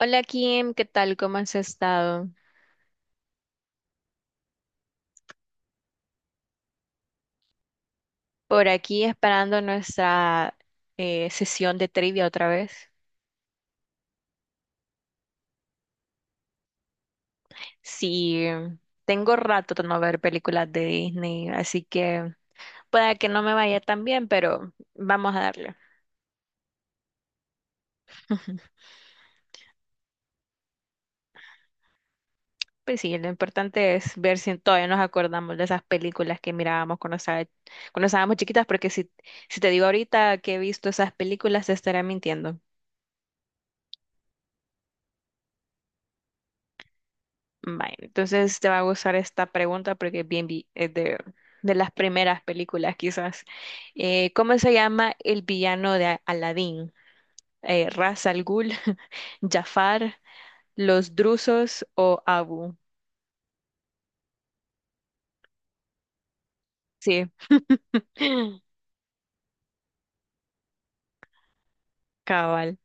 Hola Kim, ¿qué tal? ¿Cómo has estado? Por aquí esperando nuestra sesión de trivia otra vez. Sí, tengo rato de no ver películas de Disney, así que pueda que no me vaya tan bien, pero vamos a darle. Pues sí, lo importante es ver si todavía nos acordamos de esas películas que mirábamos cuando estábamos chiquitas, porque si te digo ahorita que he visto esas películas, te estaré mintiendo. Vale, entonces te va a gustar esta pregunta porque es es de las primeras películas quizás. ¿Cómo se llama el villano de Aladdin? ¿Ras al Ghul, Jafar, los Drusos o Abu? Sí, cabal.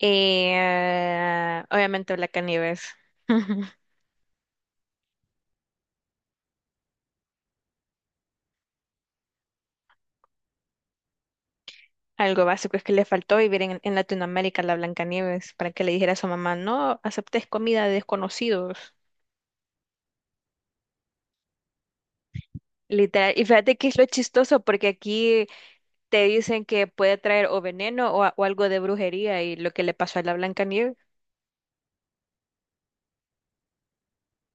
Obviamente Blancanieves. Algo básico es que le faltó vivir en Latinoamérica a la Blancanieves para que le dijera a su mamá, no aceptes comida de desconocidos. Literal. Y fíjate que es lo chistoso, porque aquí te dicen que puede traer o veneno o algo de brujería, y lo que le pasó a la Blancanieves,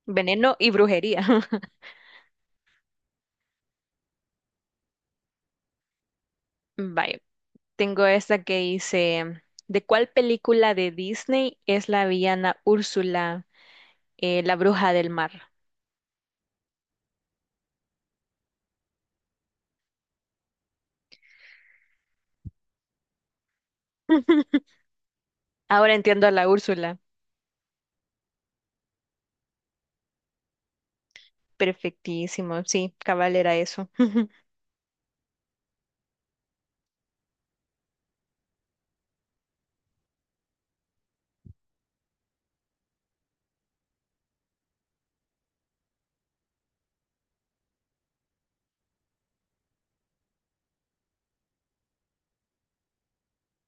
veneno y brujería. Vaya, tengo esta que dice, ¿de cuál película de Disney es la villana Úrsula, la bruja del mar? Ahora entiendo a la Úrsula. Perfectísimo, sí, cabal era eso.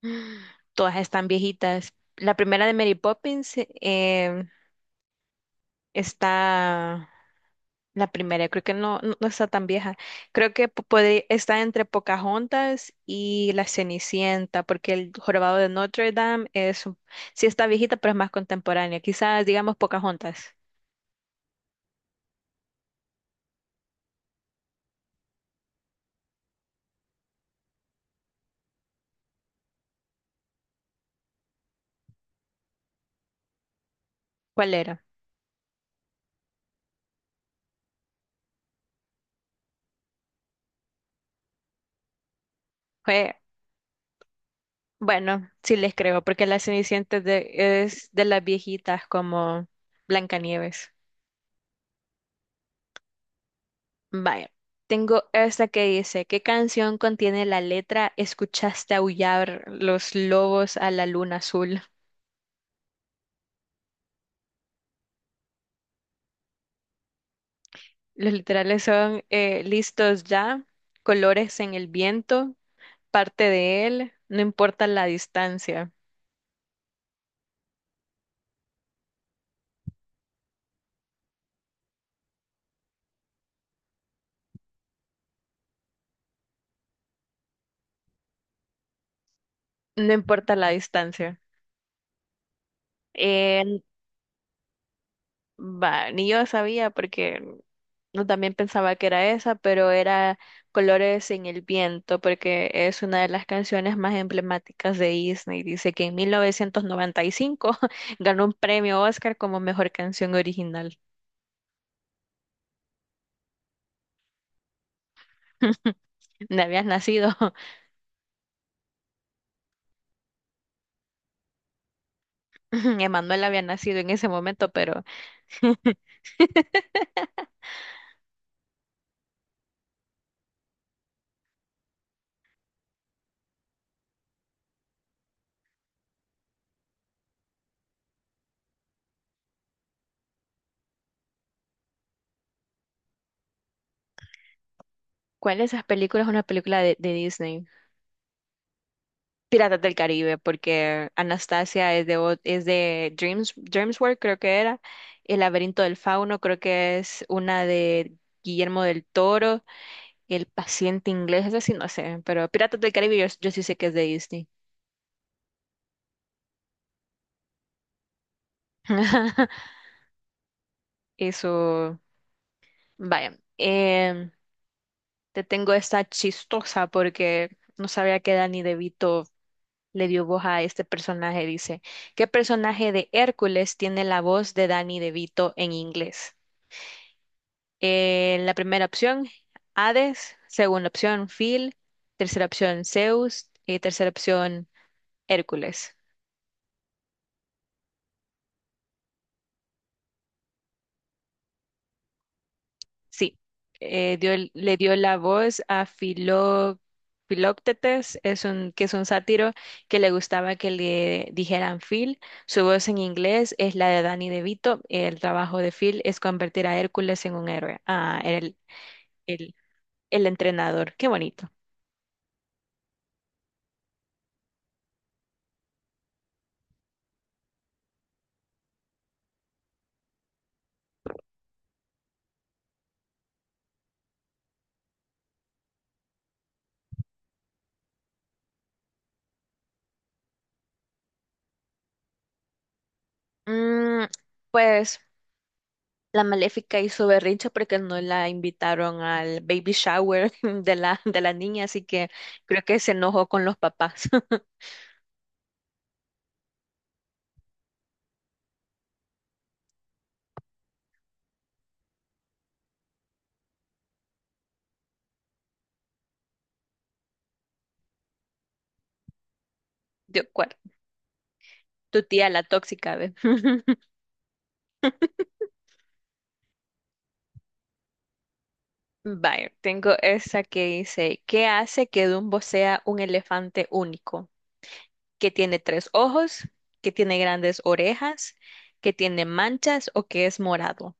Todas están viejitas. La primera de Mary Poppins está. La primera, creo que no está tan vieja. Creo que puede, está entre Pocahontas y La Cenicienta, porque el Jorobado de Notre Dame sí está viejita, pero es más contemporánea. Quizás digamos Pocahontas. ¿Cuál era? Fue, bueno, sí les creo, porque La Cenicienta es de las viejitas como Blancanieves. Vaya, tengo esta que dice, ¿qué canción contiene la letra Escuchaste aullar los lobos a la luna azul? Los literales son listos ya, colores en el viento, parte de él, no importa la distancia, no importa la distancia. Eh, va, ni yo sabía porque no también pensaba que era esa, pero era colores en el viento porque es una de las canciones más emblemáticas de Disney. Dice que en 1995 ganó un premio Oscar como mejor canción original. No habías nacido. Emanuel había nacido en ese momento, pero ¿cuál de esas películas es una película de Disney? Piratas del Caribe, porque Anastasia es es de Dreams, DreamWorks, creo que era. El laberinto del fauno, creo que es una de Guillermo del Toro. El paciente inglés, eso sí no sé, pero Piratas del Caribe yo sí sé que es de Disney. Eso, vaya. Te tengo esta chistosa porque no sabía que Danny DeVito le dio voz a este personaje, dice, ¿qué personaje de Hércules tiene la voz de Danny DeVito en inglés? La primera opción, Hades, segunda opción, Phil, tercera opción, Zeus y tercera opción, Hércules. Sí, le dio la voz a Filóctetes, que es un sátiro que le gustaba que le dijeran Phil. Su voz en inglés es la de Danny DeVito. El trabajo de Phil es convertir a Hércules en un héroe. Ah, era el, el entrenador. Qué bonito. Mm, pues la Maléfica hizo berrinche porque no la invitaron al baby shower de de la niña, así que creo que se enojó con los papás. Yo Tu tía la tóxica, ¿ves? Vaya, tengo esa que dice, ¿qué hace que Dumbo sea un elefante único? Que tiene tres ojos, que tiene grandes orejas, que tiene manchas o que es morado.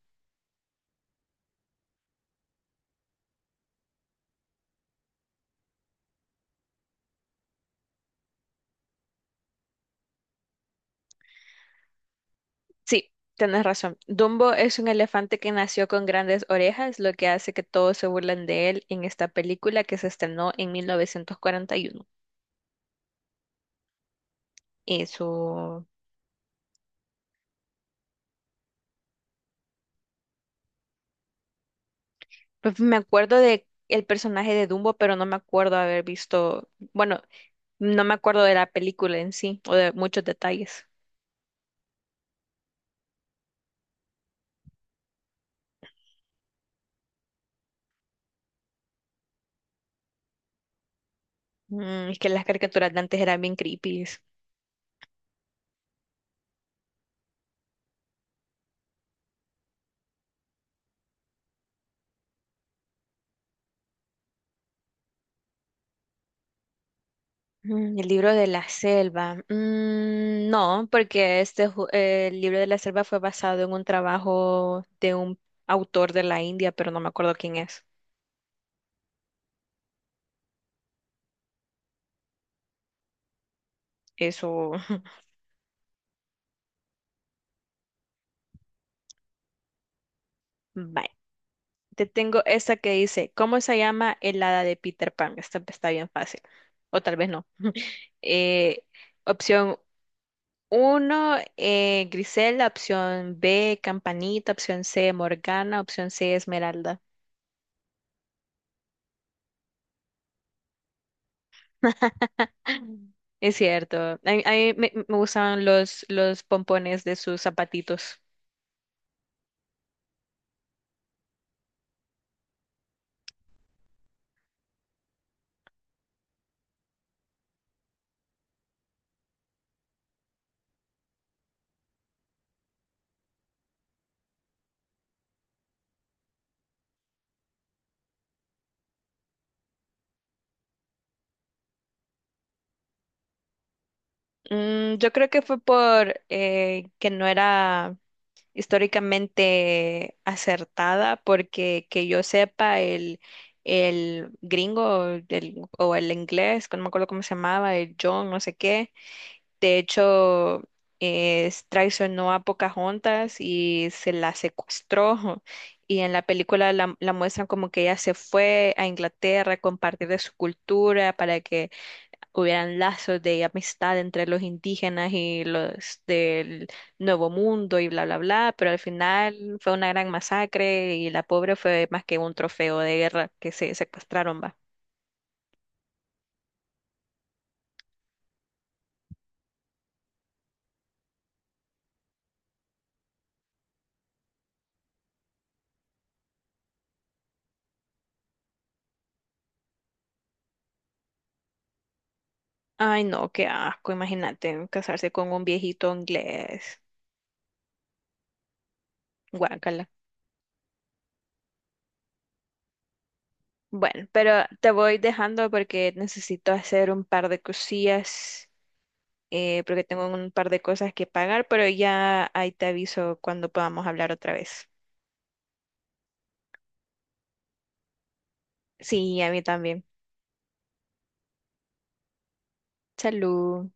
Sí, tienes razón. Dumbo es un elefante que nació con grandes orejas, lo que hace que todos se burlen de él en esta película que se estrenó en 1941. Eso, pues me acuerdo de el personaje de Dumbo, pero no me acuerdo haber visto, bueno, no me acuerdo de la película en sí o de muchos detalles. Mm, es que las caricaturas de antes eran bien creepy. Mm, el libro de la selva. Mm, no, porque el libro de la selva fue basado en un trabajo de un autor de la India, pero no me acuerdo quién es. Eso. Bye. Te tengo esta que dice, ¿cómo se llama el hada de Peter Pan? Esta está bien fácil. O tal vez no. Eh, opción Uno, Griselda, opción B, Campanita, opción C, Morgana, opción C, Esmeralda. Es cierto. A mí me gustaban los pompones de sus zapatitos. Mm, yo creo que fue por que no era históricamente acertada, porque que yo sepa, el o el inglés, que no me acuerdo cómo se llamaba, el John, no sé qué, de hecho, traicionó a Pocahontas y se la secuestró. Y en la película la muestran como que ella se fue a Inglaterra a compartir de su cultura para que hubieran lazos de amistad entre los indígenas y los del Nuevo Mundo y bla, bla, bla. Pero al final fue una gran masacre y la pobre fue más que un trofeo de guerra que se secuestraron, va. Ay, no, qué asco, imagínate casarse con un viejito inglés. Guácala. Bueno, pero te voy dejando porque necesito hacer un par de cosillas, porque tengo un par de cosas que pagar, pero ya ahí te aviso cuando podamos hablar otra vez. Sí, a mí también. Salud.